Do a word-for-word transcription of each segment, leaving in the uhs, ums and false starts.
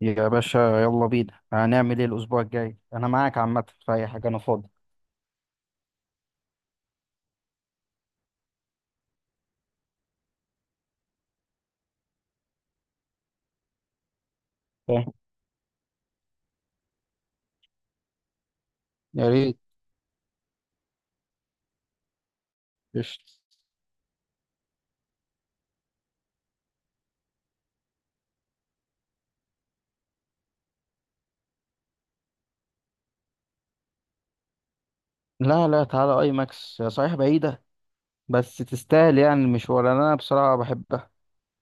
يا باشا، يلا بينا. هنعمل ايه الاسبوع الجاي؟ انا معاك عامه في اي حاجه، انا فاضي. فاهم. يا ريت. قشطة. لا لا، تعالى اي ماكس هي صحيح بعيده، بس تستاهل يعني المشوار. انا بصراحه بحبها،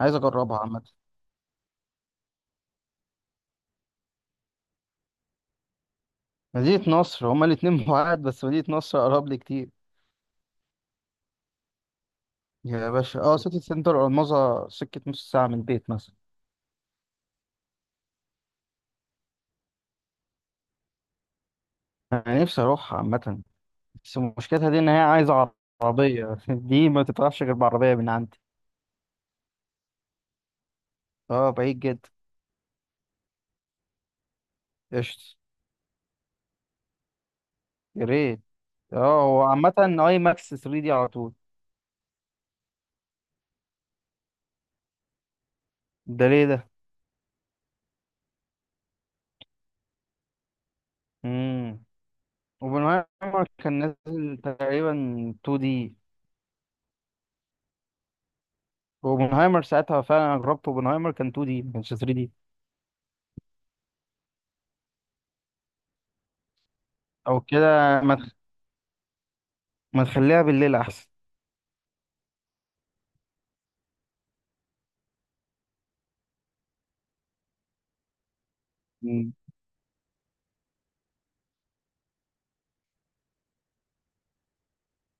عايز اجربها عامه. مدينه نصر هما الاتنين بعاد، بس مدينه نصر اقرب لي كتير. يا باشا اه، سيتي سنتر الماظة سكه نص ساعه من البيت مثلا. انا نفسي اروحها عامه، بس مشكلتها دي ان هي عايزه عربيه دي ما تتعرفش غير بعربيه من عندي. اه، بعيد جدا. قشطة. يا ريت. اه، هو عامة اي ماكس ثري دي على طول. ده ليه ده؟ امم اوبنهايمر كان نازل تقريبا اتنين دي. اوبنهايمر ساعتها فعلا انا جربت اوبنهايمر، كان اتنين دي ما كانش تلاتة دي. او كده. ما تخ- ما تخليها بالليل احسن. مم.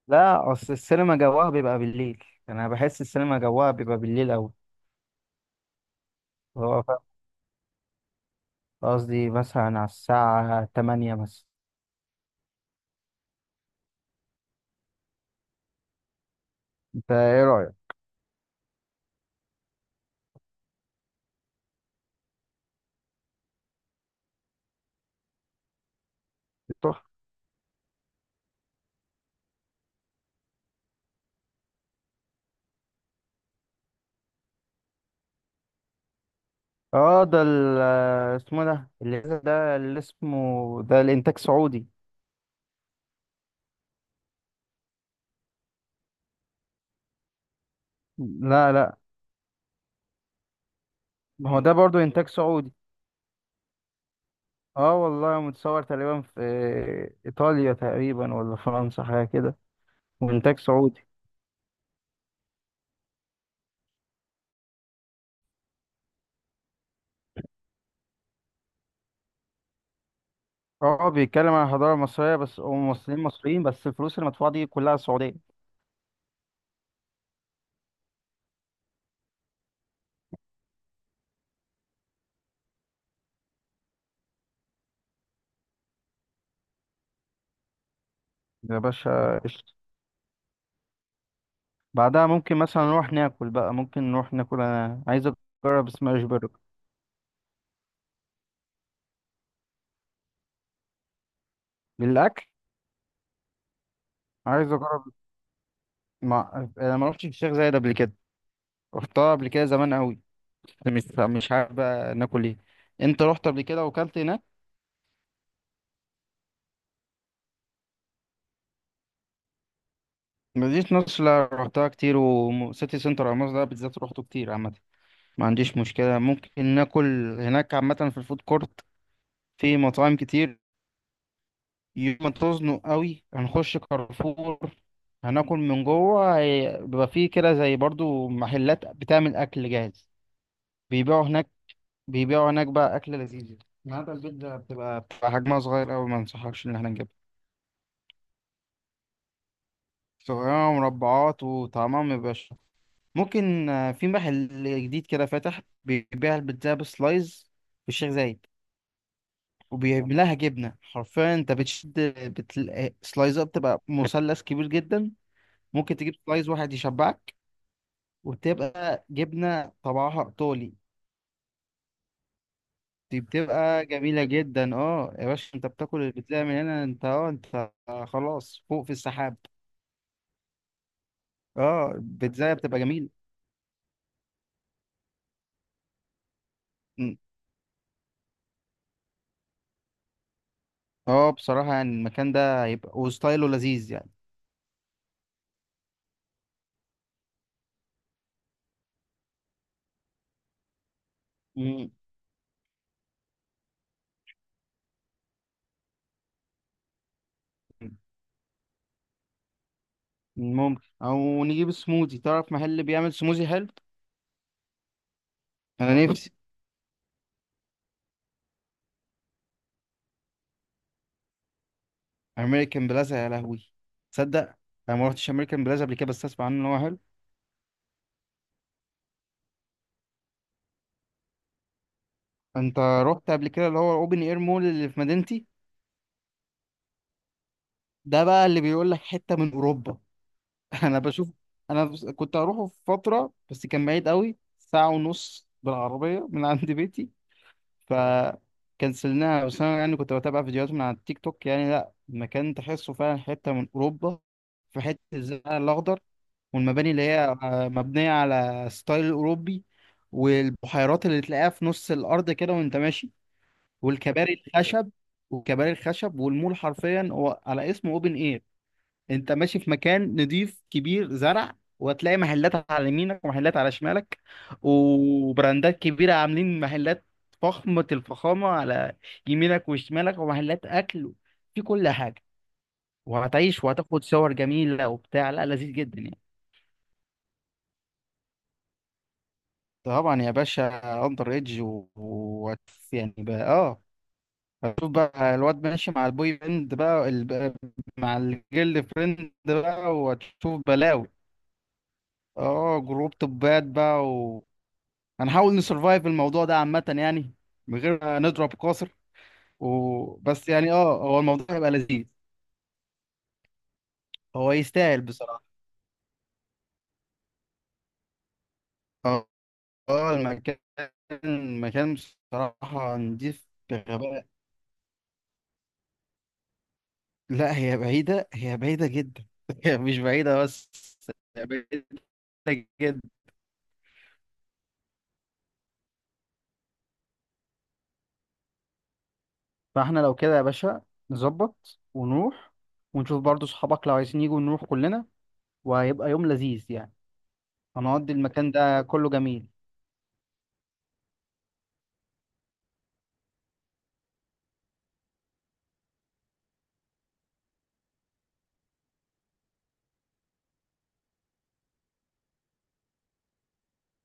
لا، اصل السينما جواها بيبقى بالليل، يعني انا بحس السينما جواها بيبقى بالليل اوي. هو ف- قصدي مثلا على الساعة تمانية مثلا. انت ايه رأيك؟ تحفة. اه، ده ال- آه، اسمه إيه ده؟ اللي ده اللي اسمه، ده الانتاج سعودي. لا لا، ما هو ده برضو انتاج سعودي. اه والله، متصور تقريبا في ايطاليا تقريبا، ولا فرنسا حاجه كده، وانتاج سعودي. اه، بيتكلم عن الحضاره المصريه بس، وممثلين مصريين بس، الفلوس المدفوعه دي كلها سعوديه. يا باشا قشطة. بعدها ممكن مثلا نروح ناكل بقى، ممكن نروح ناكل، انا عايز اجرب سماش برجر. للاكل عايز اجرب. ما انا ما رحتش الشيخ زايد قبل كده، رحتها قبل كده زمان قوي. مش مش عارف بقى ناكل ايه. انت رحت قبل كده وكلت هناك؟ مدينة نصر لا، رحتها كتير، وسيتي سنتر أو مصر ده بالذات روحته كتير عامة. ما عنديش مشكلة، ممكن ناكل هناك عامة في الفود كورت، في مطاعم كتير. يوم ما تزنق قوي هنخش كارفور، هناكل من جوه. هي- بيبقى فيه كده زي برضو محلات بتعمل أكل جاهز، بيبيعوا هناك. بيبيعوا هناك بقى أكل لذيذ. النهارده البيتزا بتبقى بتبقى حجمها صغير أوي، ما أنصحكش إن احنا نجيبها. صغيرة ومربعات وطعمها مبيبقاش. ممكن آه، في محل جديد كده فاتح بيبيع البيتزا بسلايز في الشيخ زايد، وبيعملها جبنة حرفيا. انت بتشد، بتلاقي سلايزات بتبقى مثلث كبير جدا. ممكن تجيب سلايز واحد يشبعك، وبتبقى جبنة طبعها ايطالي. دي بتبقى جميلة جدا. اه يا باشا، انت بتاكل البيتزا من هنا؟ انت اه انت خلاص فوق في السحاب. اه البيتزا بتبقى جميلة. م. اه بصراحة، يعني المكان ده هيبقى وستايله لذيذ يعني. م. ممكن او نجيب سموزي. تعرف محل اللي بيعمل سموزي حلو؟ انا نفسي. امريكان بلازا يا لهوي. تصدق انا ما رحتش امريكان بلازا قبل كده، بس اسمع عنه ان هو حلو. انت رحت قبل كده اللي هو الاوبن اير مول اللي في مدينتي؟ ده بقى اللي بيقول لك حته من اوروبا. انا بشوف. انا بس- كنت هروحه في فتره، بس كان بعيد قوي ساعه ونص بالعربيه من عند بيتي، فكنسلناها. بس انا يعني كنت بتابع فيديوهات من على التيك توك. يعني لا، المكان تحسه فعلا حته من اوروبا. في حته الزرع الاخضر، والمباني اللي هي آه، مبنية على ستايل أوروبي، والبحيرات اللي تلاقيها في نص الأرض كده وأنت ماشي، والكباري الخشب. والكباري الخشب والمول حرفيا هو على اسمه أوبن إير. أنت ماشي في مكان نضيف كبير زرع، وهتلاقي محلات على يمينك ومحلات على شمالك، وبراندات كبيرة عاملين محلات فخمة الفخامة على يمينك وشمالك، ومحلات أكل في كل حاجة. وهتعيش وهتاخد صور جميلة وبتاع. لا، لذيذ جدا يعني. طبعا يا باشا. اندر ايدج و... و... يعني بقى اه، هتشوف بقى الواد ماشي مع البوي بند بقى، ال... مع الجيرل فريند بقى، وهتشوف بلاوي. اه جروب توبات بقى. و... هنحاول نسرفايف الموضوع ده عامة يعني، من غير ما نضرب قاصر. و... بس يعني اه، هو الموضوع هيبقى لذيذ. هو يستاهل بصراحة. اه، آه، المكان. المكان بصراحة نضيف بغباء. لا، هي بعيدة، هي بعيدة جدا هي مش بعيدة، بس هي بعيدة جدا. فاحنا لو كده يا باشا، نظبط ونروح، ونشوف برضو صحابك لو عايزين يجوا نروح كلنا، وهيبقى يوم لذيذ يعني. هنقضي المكان ده كله جميل.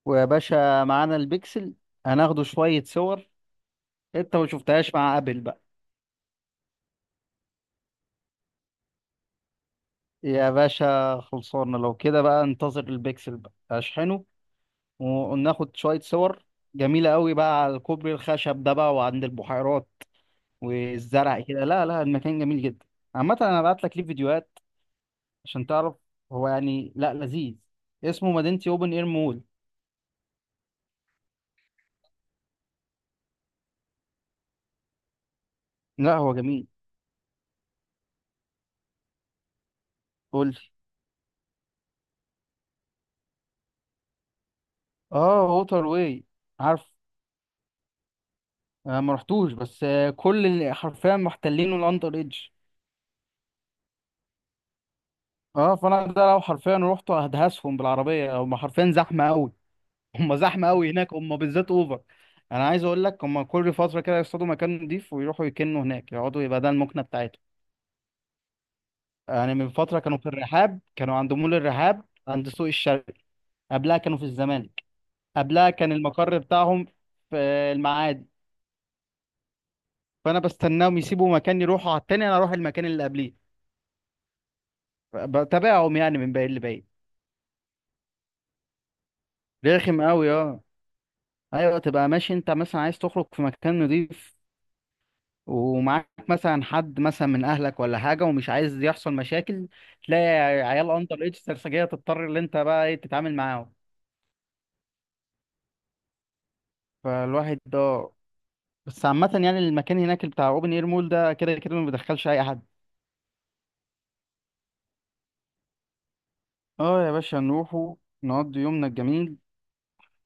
ويا باشا، معانا البيكسل، هناخده شوية صور. انت ما شفتهاش مع ابل بقى. يا باشا خلصانة، لو كده بقى انتظر البيكسل بقى اشحنه، وناخد شوية صور جميلة قوي بقى على الكوبري الخشب ده بقى، وعند البحيرات والزرع كده. لا لا، المكان جميل جدا. عامة انا هبعت لك ليه فيديوهات عشان تعرف. هو يعني لا، لذيذ. اسمه مدينتي اوبن اير مول. لا هو جميل. قول لي. اه ووتر واي، عارف. آه ما رحتوش بس، آه كل اللي حرفيا محتلينه الاندر ايدج. اه، فانا ده لو حرفيا روحت هدهسهم بالعربية. هم حرفيا زحمة قوي هم زحمة قوي هناك، هم بالذات اوفر. انا عايز اقول لك، هم كل فترة كده يصطادوا مكان نضيف ويروحوا يكنوا هناك يقعدوا، يبقى ده المكنة بتاعتهم. يعني من فترة كانوا في الرحاب، كانوا عند مول الرحاب عند سوق الشرق. قبلها كانوا في الزمالك. قبلها كان المقر بتاعهم في المعادي. فأنا بستناهم يسيبوا مكان يروحوا على التاني، أنا أروح المكان اللي قبليه. بتابعهم يعني من بعيد لبعيد. رخم أوي أه. أيوة، تبقى ماشي أنت مثلا عايز تخرج في مكان نضيف، ومعاك مثلا حد مثلا من أهلك ولا حاجة، ومش عايز يحصل مشاكل، تلاقي عيال أندر إيدج سرسجية تضطر إن أنت بقى إيه تتعامل معاهم. فالواحد ده. بس عامة يعني المكان هناك بتاع اوبن اير مول، ده كده كده ما بيدخلش اي حد. اه يا باشا، نروحوا نقضي يومنا الجميل،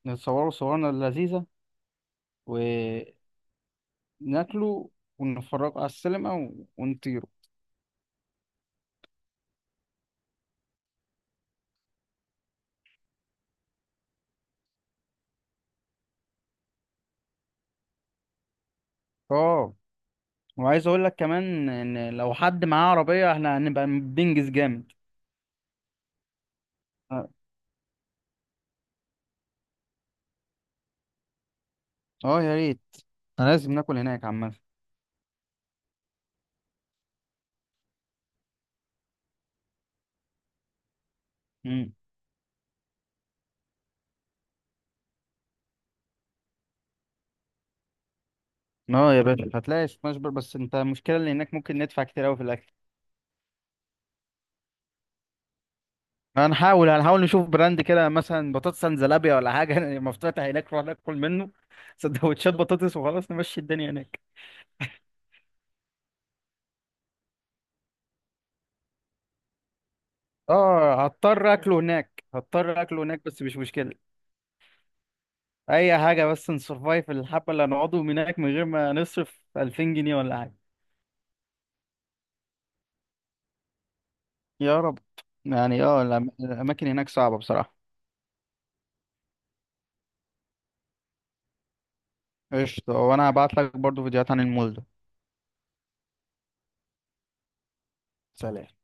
نتصوروا صورنا اللذيذة وناكلوا، ونتفرجوا على السينما و- ونطيروا. اه، وعايز اقول لك كمان ان لو حد معاه عربية احنا هنبقى بننجز جامد. اه آه يا ريت، أنا لازم ناكل هناك عامة. مم. اه يا باشا، هتلاقي سماش بر، بس انت المشكلة اللي هناك ممكن ندفع كتير اوي في الاكل. هنحاول هنحاول نشوف براند كده مثلا، بطاطس سنزلابيا ولا حاجه مفتوح هناك، نروح ناكل منه سندوتشات بطاطس وخلاص نمشي الدنيا هناك. اه هضطر اكله هناك هضطر اكله هناك، بس مش مشكله. اي حاجه، بس نسرفايف الحبه اللي هنقعده هناك من غير ما نصرف الفين جنيه ولا حاجه. يا رب. يعني اه، الأم- الاماكن هناك صعبه بصراحه. قشطه. وانا هبعت لك برضو فيديوهات عن المول ده. سلام.